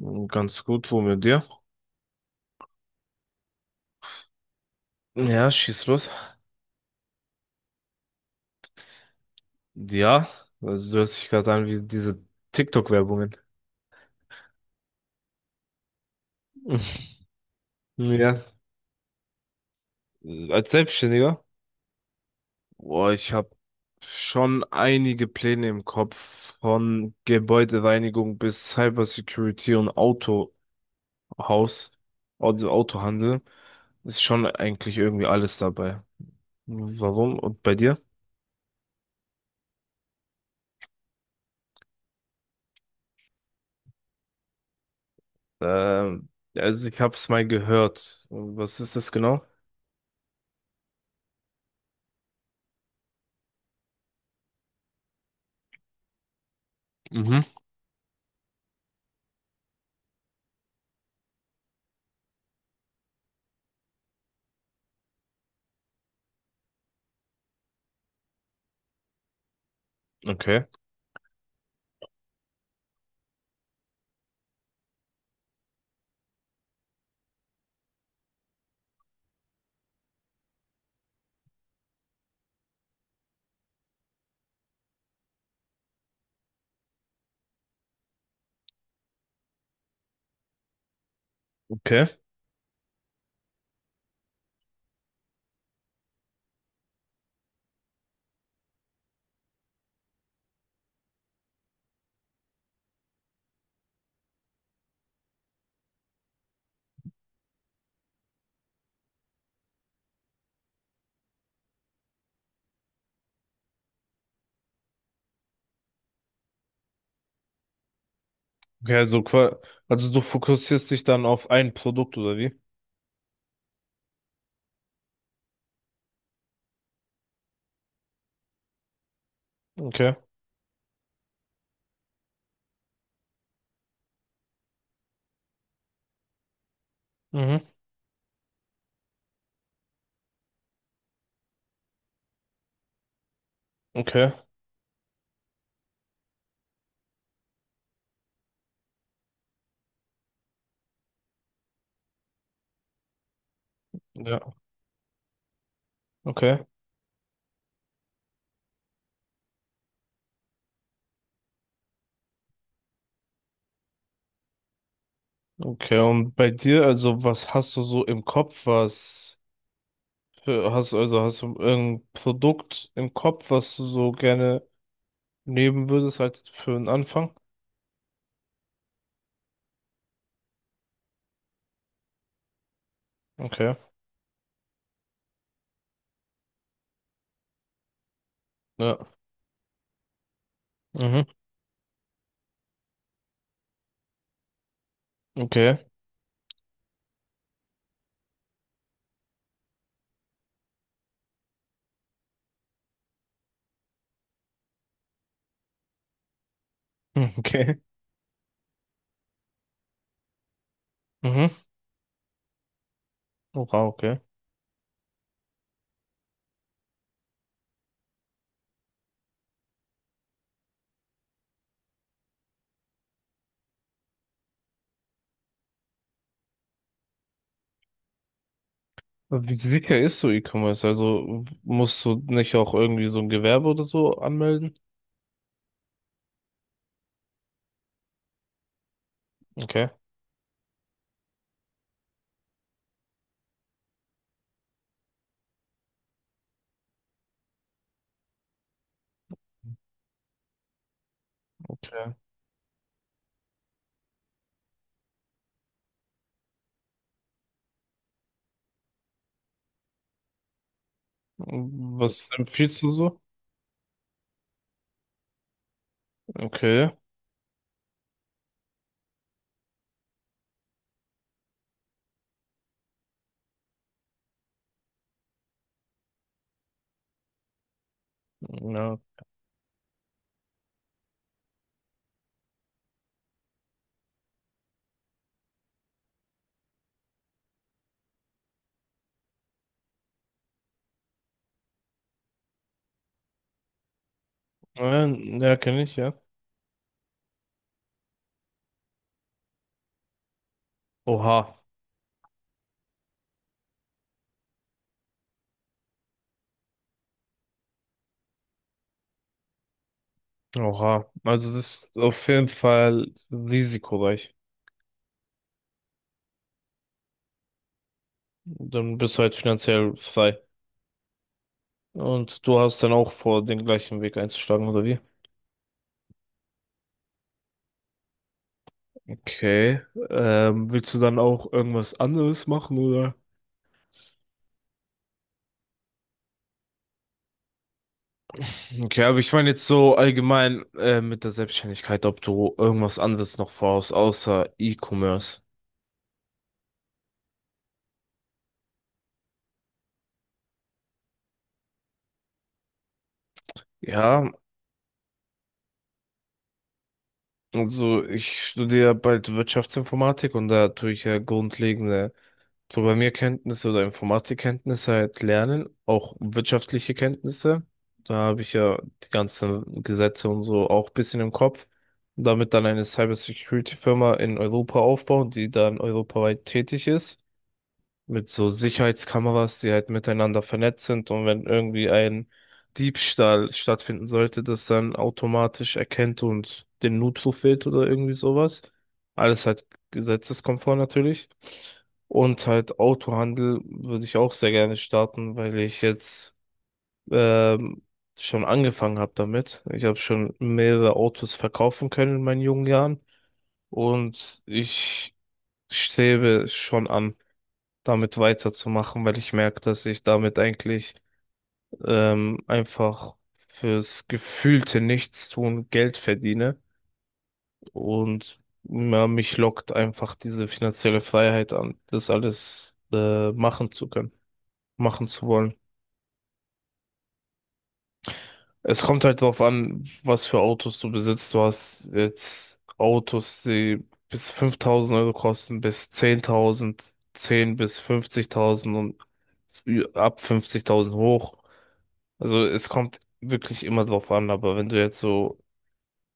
Ganz gut, wo mit dir? Ja, schieß los. Ja, also du hörst dich gerade an wie diese TikTok-Werbungen. Ja. Als Selbstständiger? Boah, ich habe schon einige Pläne im Kopf, von Gebäudereinigung bis Cybersecurity und Autohaus, also Autohandel, ist schon eigentlich irgendwie alles dabei. Warum? Und bei dir? Ähm, also ich habe es mal gehört. Was ist das genau? Mhm. Okay, okay. Okay, also, also du fokussierst dich dann auf ein Produkt oder wie? Okay. Mhm. Okay. Ja. Okay. Okay. Und bei dir, also was hast du so im Kopf, was für, hast also hast du irgendein Produkt im Kopf, was du so gerne nehmen würdest als für einen Anfang? Okay. Ja. Mhm. Okay. Mhm. Okay. Mhm. Oha, okay. Wie sicher ist so E-Commerce? Also musst du nicht auch irgendwie so ein Gewerbe oder so anmelden? Okay. Okay. Was empfiehlst du so? Okay. Ja, ja, ja kenne ich, ja. Oha. Oha. Also das ist auf jeden Fall risikoreich. Dann bist du halt finanziell frei. Und du hast dann auch vor, den gleichen Weg einzuschlagen, oder wie? Okay. Willst du dann auch irgendwas anderes machen, oder? Okay, aber ich meine jetzt so allgemein mit der Selbstständigkeit, ob du irgendwas anderes noch vorhast, außer E-Commerce. Ja, also ich studiere ja bald Wirtschaftsinformatik und da tue ich ja grundlegende Programmierkenntnisse oder Informatikkenntnisse halt lernen, auch wirtschaftliche Kenntnisse. Da habe ich ja die ganzen Gesetze und so auch ein bisschen im Kopf. Und damit dann eine Cybersecurity-Firma in Europa aufbauen, die dann europaweit tätig ist mit so Sicherheitskameras, die halt miteinander vernetzt sind und wenn irgendwie ein Diebstahl stattfinden sollte, das dann automatisch erkennt und den Notruf wählt oder irgendwie sowas. Alles halt gesetzeskonform natürlich. Und halt Autohandel würde ich auch sehr gerne starten, weil ich jetzt ähm, schon angefangen habe damit. Ich habe schon mehrere Autos verkaufen können in meinen jungen Jahren und ich strebe schon an damit weiterzumachen, weil ich merke, dass ich damit eigentlich einfach fürs gefühlte Nichtstun Geld verdiene und ja, mich lockt einfach diese finanzielle Freiheit an, das alles machen zu können, machen zu wollen. Es kommt halt darauf an, was für Autos du besitzt. Du hast jetzt Autos, die bis 5.000 Euro kosten, bis 10.000, 10 bis 50.000 und ab 50.000 hoch. Also es kommt wirklich immer drauf an, aber wenn du jetzt so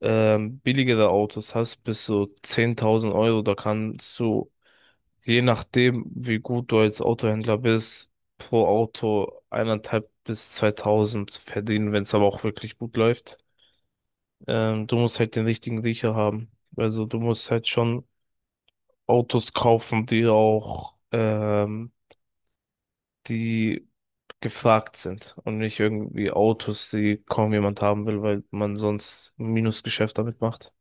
billigere Autos hast, bis so 10.000 Euro, da kannst du, je nachdem, wie gut du als Autohändler bist, pro Auto 1.500 bis 2.000 verdienen, wenn es aber auch wirklich gut läuft. Du musst halt den richtigen Riecher haben. Also du musst halt schon Autos kaufen, die auch die gefragt sind und nicht irgendwie Autos, die kaum jemand haben will, weil man sonst ein Minusgeschäft damit macht.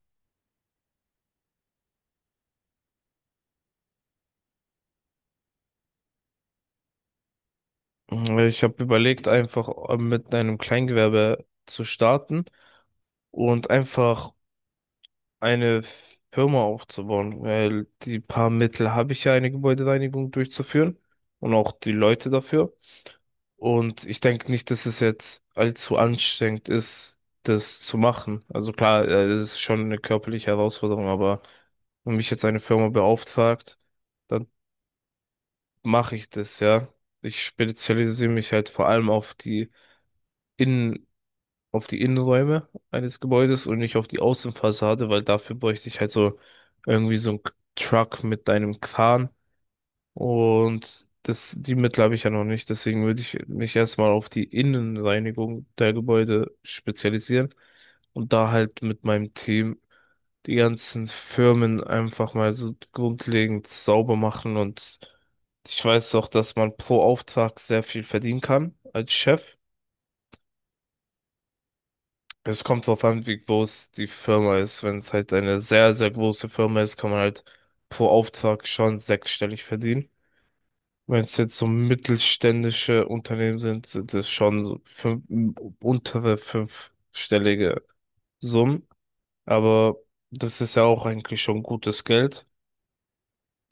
Mhm, Ich habe überlegt, einfach mit einem Kleingewerbe zu starten und einfach eine Firma aufzubauen, weil die paar Mittel habe ich ja, eine Gebäudereinigung durchzuführen und auch die Leute dafür. Und ich denke nicht, dass es jetzt allzu anstrengend ist, das zu machen. Also klar, das ist schon eine körperliche Herausforderung, aber wenn mich jetzt eine Firma beauftragt, dann mache ich das, ja. Ich spezialisiere mich halt vor allem auf die Innen, auf die Innenräume eines Gebäudes und nicht auf die Außenfassade, weil dafür bräuchte ich halt so irgendwie so einen Truck mit einem Kran und das, die Mittel habe ich ja noch nicht, deswegen würde ich mich erstmal auf die Innenreinigung der Gebäude spezialisieren und da halt mit meinem Team die ganzen Firmen einfach mal so grundlegend sauber machen und ich weiß auch, dass man pro Auftrag sehr viel verdienen kann als Chef. Es kommt drauf an, wie groß die Firma ist. Wenn es halt eine sehr, sehr große Firma ist, kann man halt pro Auftrag schon sechsstellig verdienen. Wenn es jetzt so mittelständische Unternehmen sind, sind es schon so fünf, untere fünfstellige Summen. Aber das ist ja auch eigentlich schon gutes Geld.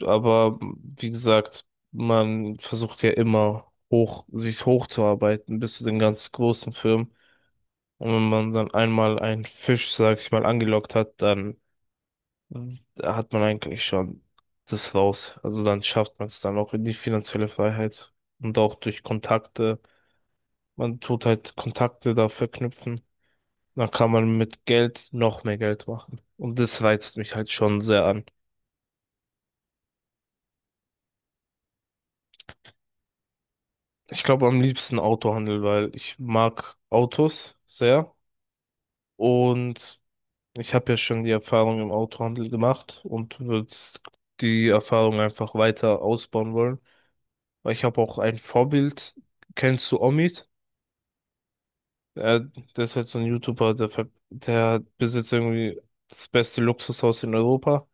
Aber wie gesagt, man versucht ja immer hoch, sich hochzuarbeiten bis zu den ganz großen Firmen. Und wenn man dann einmal einen Fisch, sag ich mal, angelockt hat, dann hat man eigentlich schon das raus. Also dann schafft man es dann auch in die finanzielle Freiheit und auch durch Kontakte. Man tut halt Kontakte da verknüpfen. Dann kann man mit Geld noch mehr Geld machen. Und das reizt mich halt schon sehr an. Ich glaube am liebsten Autohandel, weil ich mag Autos sehr. Und ich habe ja schon die Erfahrung im Autohandel gemacht und würde die Erfahrung einfach weiter ausbauen wollen. Weil ich habe auch ein Vorbild. Kennst du Omid? Er, der, ist halt so ein YouTuber, der besitzt irgendwie das beste Luxushaus in Europa.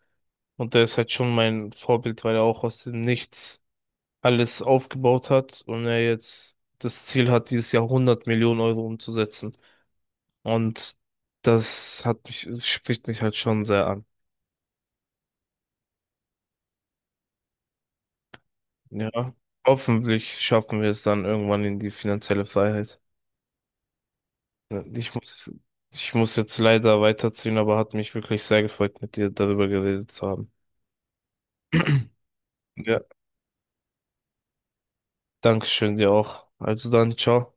Und der ist halt schon mein Vorbild, weil er auch aus dem Nichts alles aufgebaut hat und er jetzt das Ziel hat, dieses Jahr 100 Millionen Euro umzusetzen. Und das hat mich, es spricht mich halt schon sehr an. Ja. Hoffentlich schaffen wir es dann irgendwann in die finanzielle Freiheit. Ja, ich muss jetzt leider weiterziehen, aber hat mich wirklich sehr gefreut, mit dir darüber geredet zu haben. Ja. Dankeschön dir auch. Also dann, ciao.